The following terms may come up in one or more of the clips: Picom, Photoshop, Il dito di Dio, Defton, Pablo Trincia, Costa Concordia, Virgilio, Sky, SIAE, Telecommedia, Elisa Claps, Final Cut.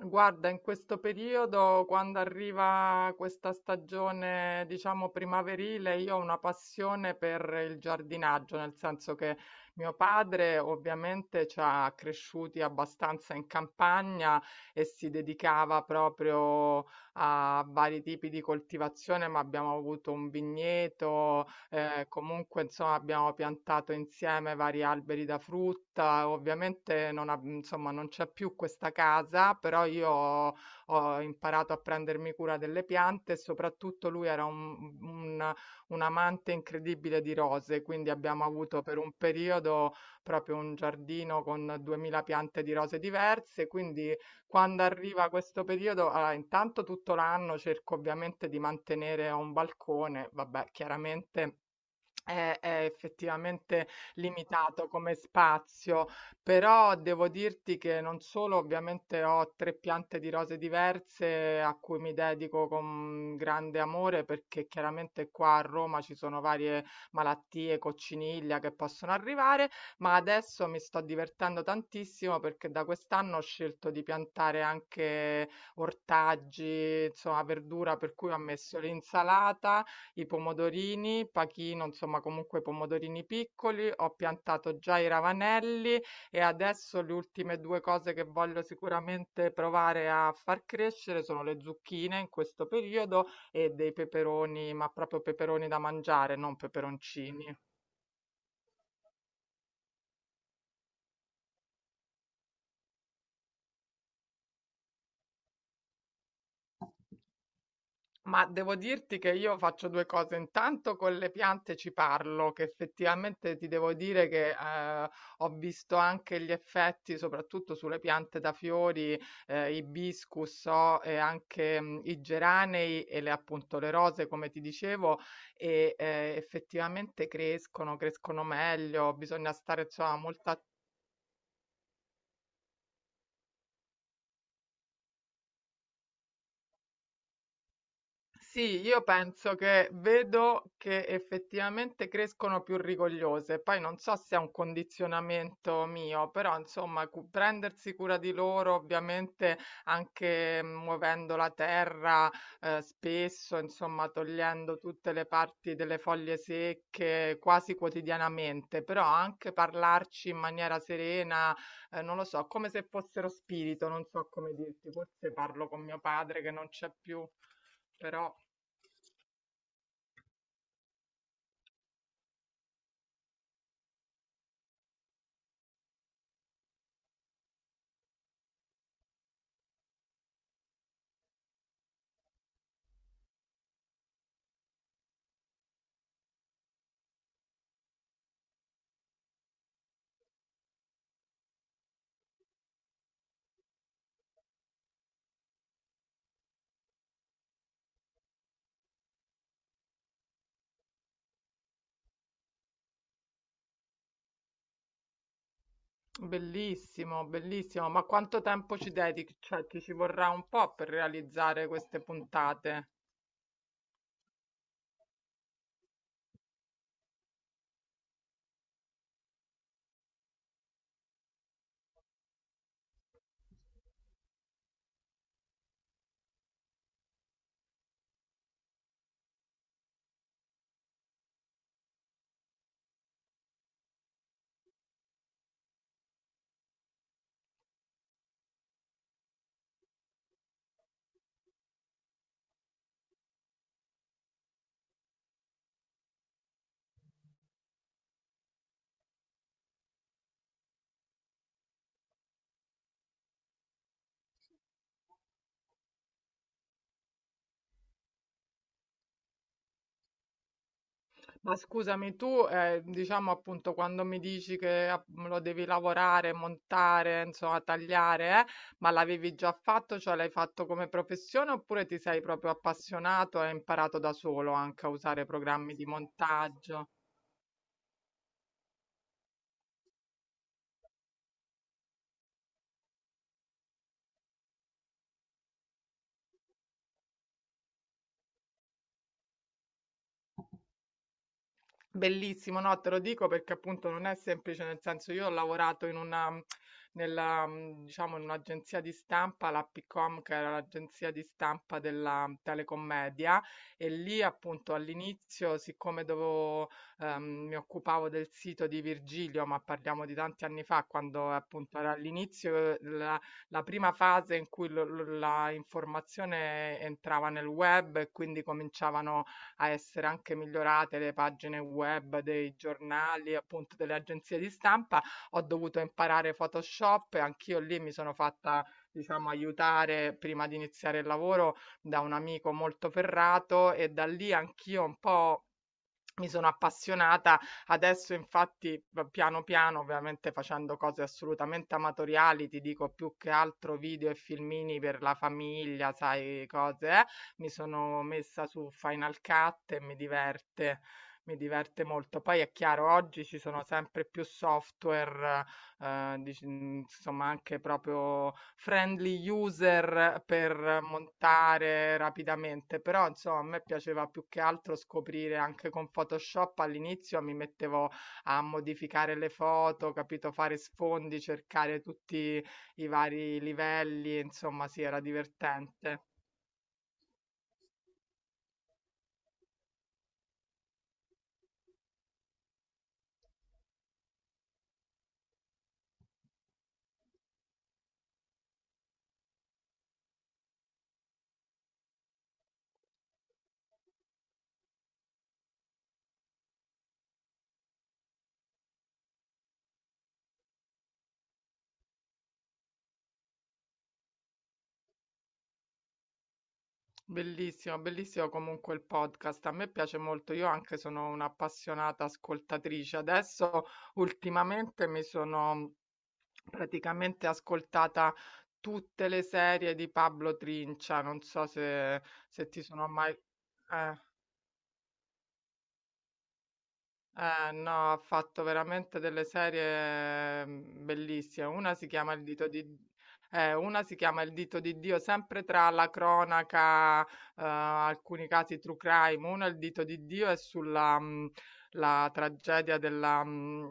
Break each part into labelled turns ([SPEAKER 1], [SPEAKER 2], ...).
[SPEAKER 1] Guarda, in questo periodo, quando arriva questa stagione, diciamo primaverile, io ho una passione per il giardinaggio, nel senso che mio padre ovviamente ci ha cresciuti abbastanza in campagna e si dedicava proprio a vari tipi di coltivazione, ma abbiamo avuto un vigneto. Comunque insomma abbiamo piantato insieme vari alberi da frutta. Ovviamente non ab insomma non c'è più questa casa, però io ho imparato a prendermi cura delle piante, e soprattutto lui era un amante incredibile di rose, quindi abbiamo avuto per un periodo proprio un giardino con 2000 piante di rose diverse. Quindi quando arriva questo periodo, allora intanto tutto l'anno cerco ovviamente di mantenere, ho un balcone, vabbè, chiaramente è effettivamente limitato come spazio, però devo dirti che non solo ovviamente ho 3 piante di rose diverse a cui mi dedico con grande amore, perché chiaramente qua a Roma ci sono varie malattie, cocciniglia, che possono arrivare, ma adesso mi sto divertendo tantissimo perché da quest'anno ho scelto di piantare anche ortaggi, insomma verdura, per cui ho messo l'insalata, i pomodorini, pachino, insomma comunque pomodorini piccoli, ho piantato già i ravanelli, e adesso le ultime due cose che voglio sicuramente provare a far crescere sono le zucchine in questo periodo e dei peperoni, ma proprio peperoni da mangiare, non peperoncini. Ma devo dirti che io faccio due cose. Intanto con le piante ci parlo, che effettivamente ti devo dire che ho visto anche gli effetti, soprattutto sulle piante da fiori, ibiscus, so, e anche i geranei e le, appunto, le rose, come ti dicevo, e effettivamente crescono, crescono meglio, bisogna stare insomma molto. Sì, io penso che vedo che effettivamente crescono più rigogliose. Poi non so se è un condizionamento mio, però insomma, prendersi cura di loro, ovviamente anche, muovendo la terra spesso, insomma, togliendo tutte le parti delle foglie secche quasi quotidianamente, però anche parlarci in maniera serena, non lo so, come se fossero spirito, non so come dirti, forse parlo con mio padre che non c'è più, però bellissimo, bellissimo, ma quanto tempo ci dedichi? Cioè, ti ci vorrà un po' per realizzare queste puntate. Ma scusami, tu, diciamo appunto, quando mi dici che lo devi lavorare, montare, insomma, tagliare, ma l'avevi già fatto, cioè l'hai fatto come professione, oppure ti sei proprio appassionato e hai imparato da solo anche a usare programmi di montaggio? Bellissimo, no, te lo dico perché appunto non è semplice, nel senso, io ho lavorato in una, nella, diciamo, in un'agenzia di stampa, la Picom, che era l'agenzia di stampa della Telecommedia, e lì appunto all'inizio, siccome dovevo, mi occupavo del sito di Virgilio, ma parliamo di tanti anni fa, quando appunto era all'inizio, la, la prima fase in cui la informazione entrava nel web, e quindi cominciavano a essere anche migliorate le pagine web dei giornali, appunto delle agenzie di stampa. Ho dovuto imparare Photoshop e anch'io lì mi sono fatta, diciamo, aiutare prima di iniziare il lavoro da un amico molto ferrato, e da lì anch'io un po' mi sono appassionata. Adesso infatti v piano, piano, ovviamente facendo cose assolutamente amatoriali, ti dico, più che altro video e filmini per la famiglia, sai, cose, mi sono messa su Final Cut e mi diverte molto. Poi è chiaro, oggi ci sono sempre più software. Insomma, anche proprio friendly user per montare rapidamente, però insomma a me piaceva più che altro scoprire. Anche con Photoshop all'inizio mi mettevo a modificare le foto, capito, fare sfondi, cercare tutti i vari livelli, insomma sì, era divertente. Bellissimo, bellissimo comunque il podcast. A me piace molto, io anche sono un'appassionata ascoltatrice. Adesso ultimamente mi sono praticamente ascoltata tutte le serie di Pablo Trincia, non so se ti sono mai... Eh, no, ha fatto veramente delle serie bellissime. Una si chiama Il dito di... una si chiama Il dito di Dio, sempre tra la cronaca, alcuni casi true crime. Una, Il dito di Dio, è sulla, la tragedia della...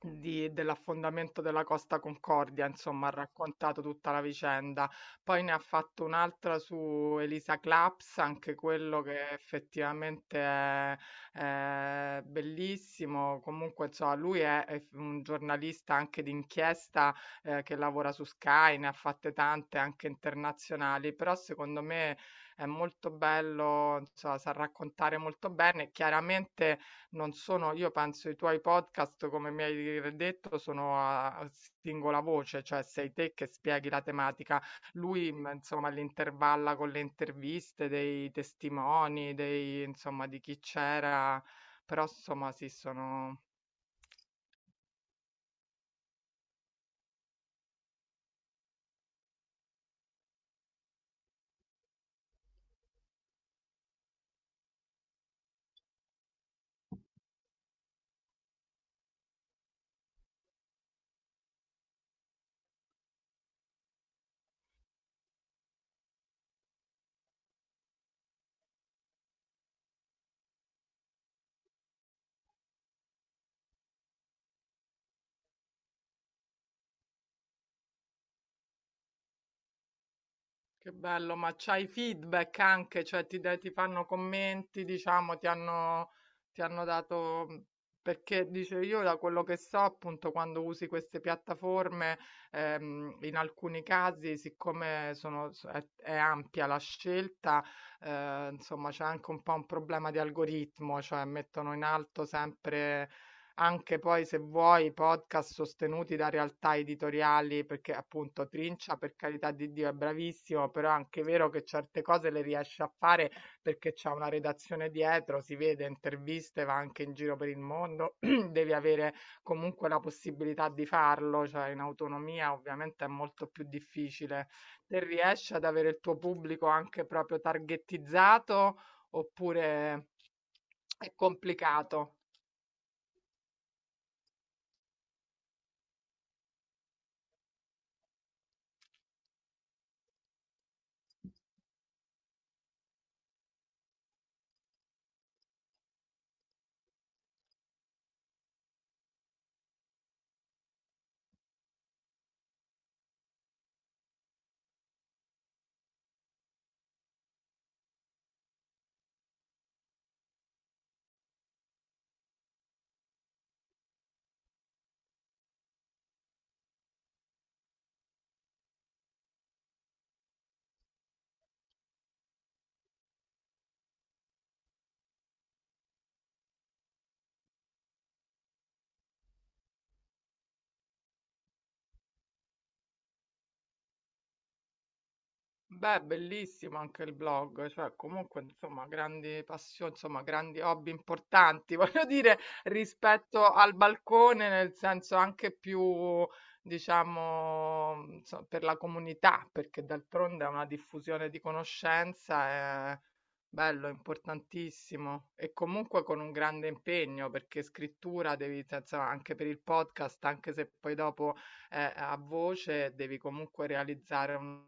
[SPEAKER 1] dell'affondamento della Costa Concordia, insomma, ha raccontato tutta la vicenda. Poi ne ha fatto un'altra su Elisa Claps, anche quello che effettivamente è bellissimo. Comunque, insomma, lui è un giornalista anche d'inchiesta, che lavora su Sky, ne ha fatte tante anche internazionali, però secondo me è molto bello, insomma, sa raccontare molto bene. Chiaramente non sono, io penso, i tuoi podcast, come mi hai detto, sono a singola voce, cioè sei te che spieghi la tematica. Lui, insomma, l'intervalla con le interviste dei testimoni, dei, insomma, di chi c'era, però, insomma, sì, sono... Che bello, ma c'hai feedback anche, cioè ti, ti fanno commenti, diciamo, ti hanno dato, mhmm, perché dice, io da quello che so, appunto, quando usi queste piattaforme, in alcuni casi, siccome sono, è ampia la scelta, insomma, c'è anche un po' un problema di algoritmo, cioè mettono in alto sempre, anche poi se vuoi, podcast sostenuti da realtà editoriali, perché appunto Trincia, per carità di Dio, è bravissimo, però è anche vero che certe cose le riesce a fare perché c'è una redazione dietro, si vede, interviste, va anche in giro per il mondo, devi avere comunque la possibilità di farlo, cioè in autonomia ovviamente è molto più difficile. Te riesci ad avere il tuo pubblico anche proprio targettizzato, oppure è complicato? Beh, bellissimo anche il blog, cioè comunque insomma grandi passioni, insomma grandi hobby importanti, voglio dire, rispetto al balcone, nel senso anche più, diciamo, insomma, per la comunità, perché d'altronde è una diffusione di conoscenza, è bello, importantissimo, e comunque con un grande impegno, perché scrittura devi, cioè, insomma, anche per il podcast, anche se poi dopo è a voce, devi comunque realizzare un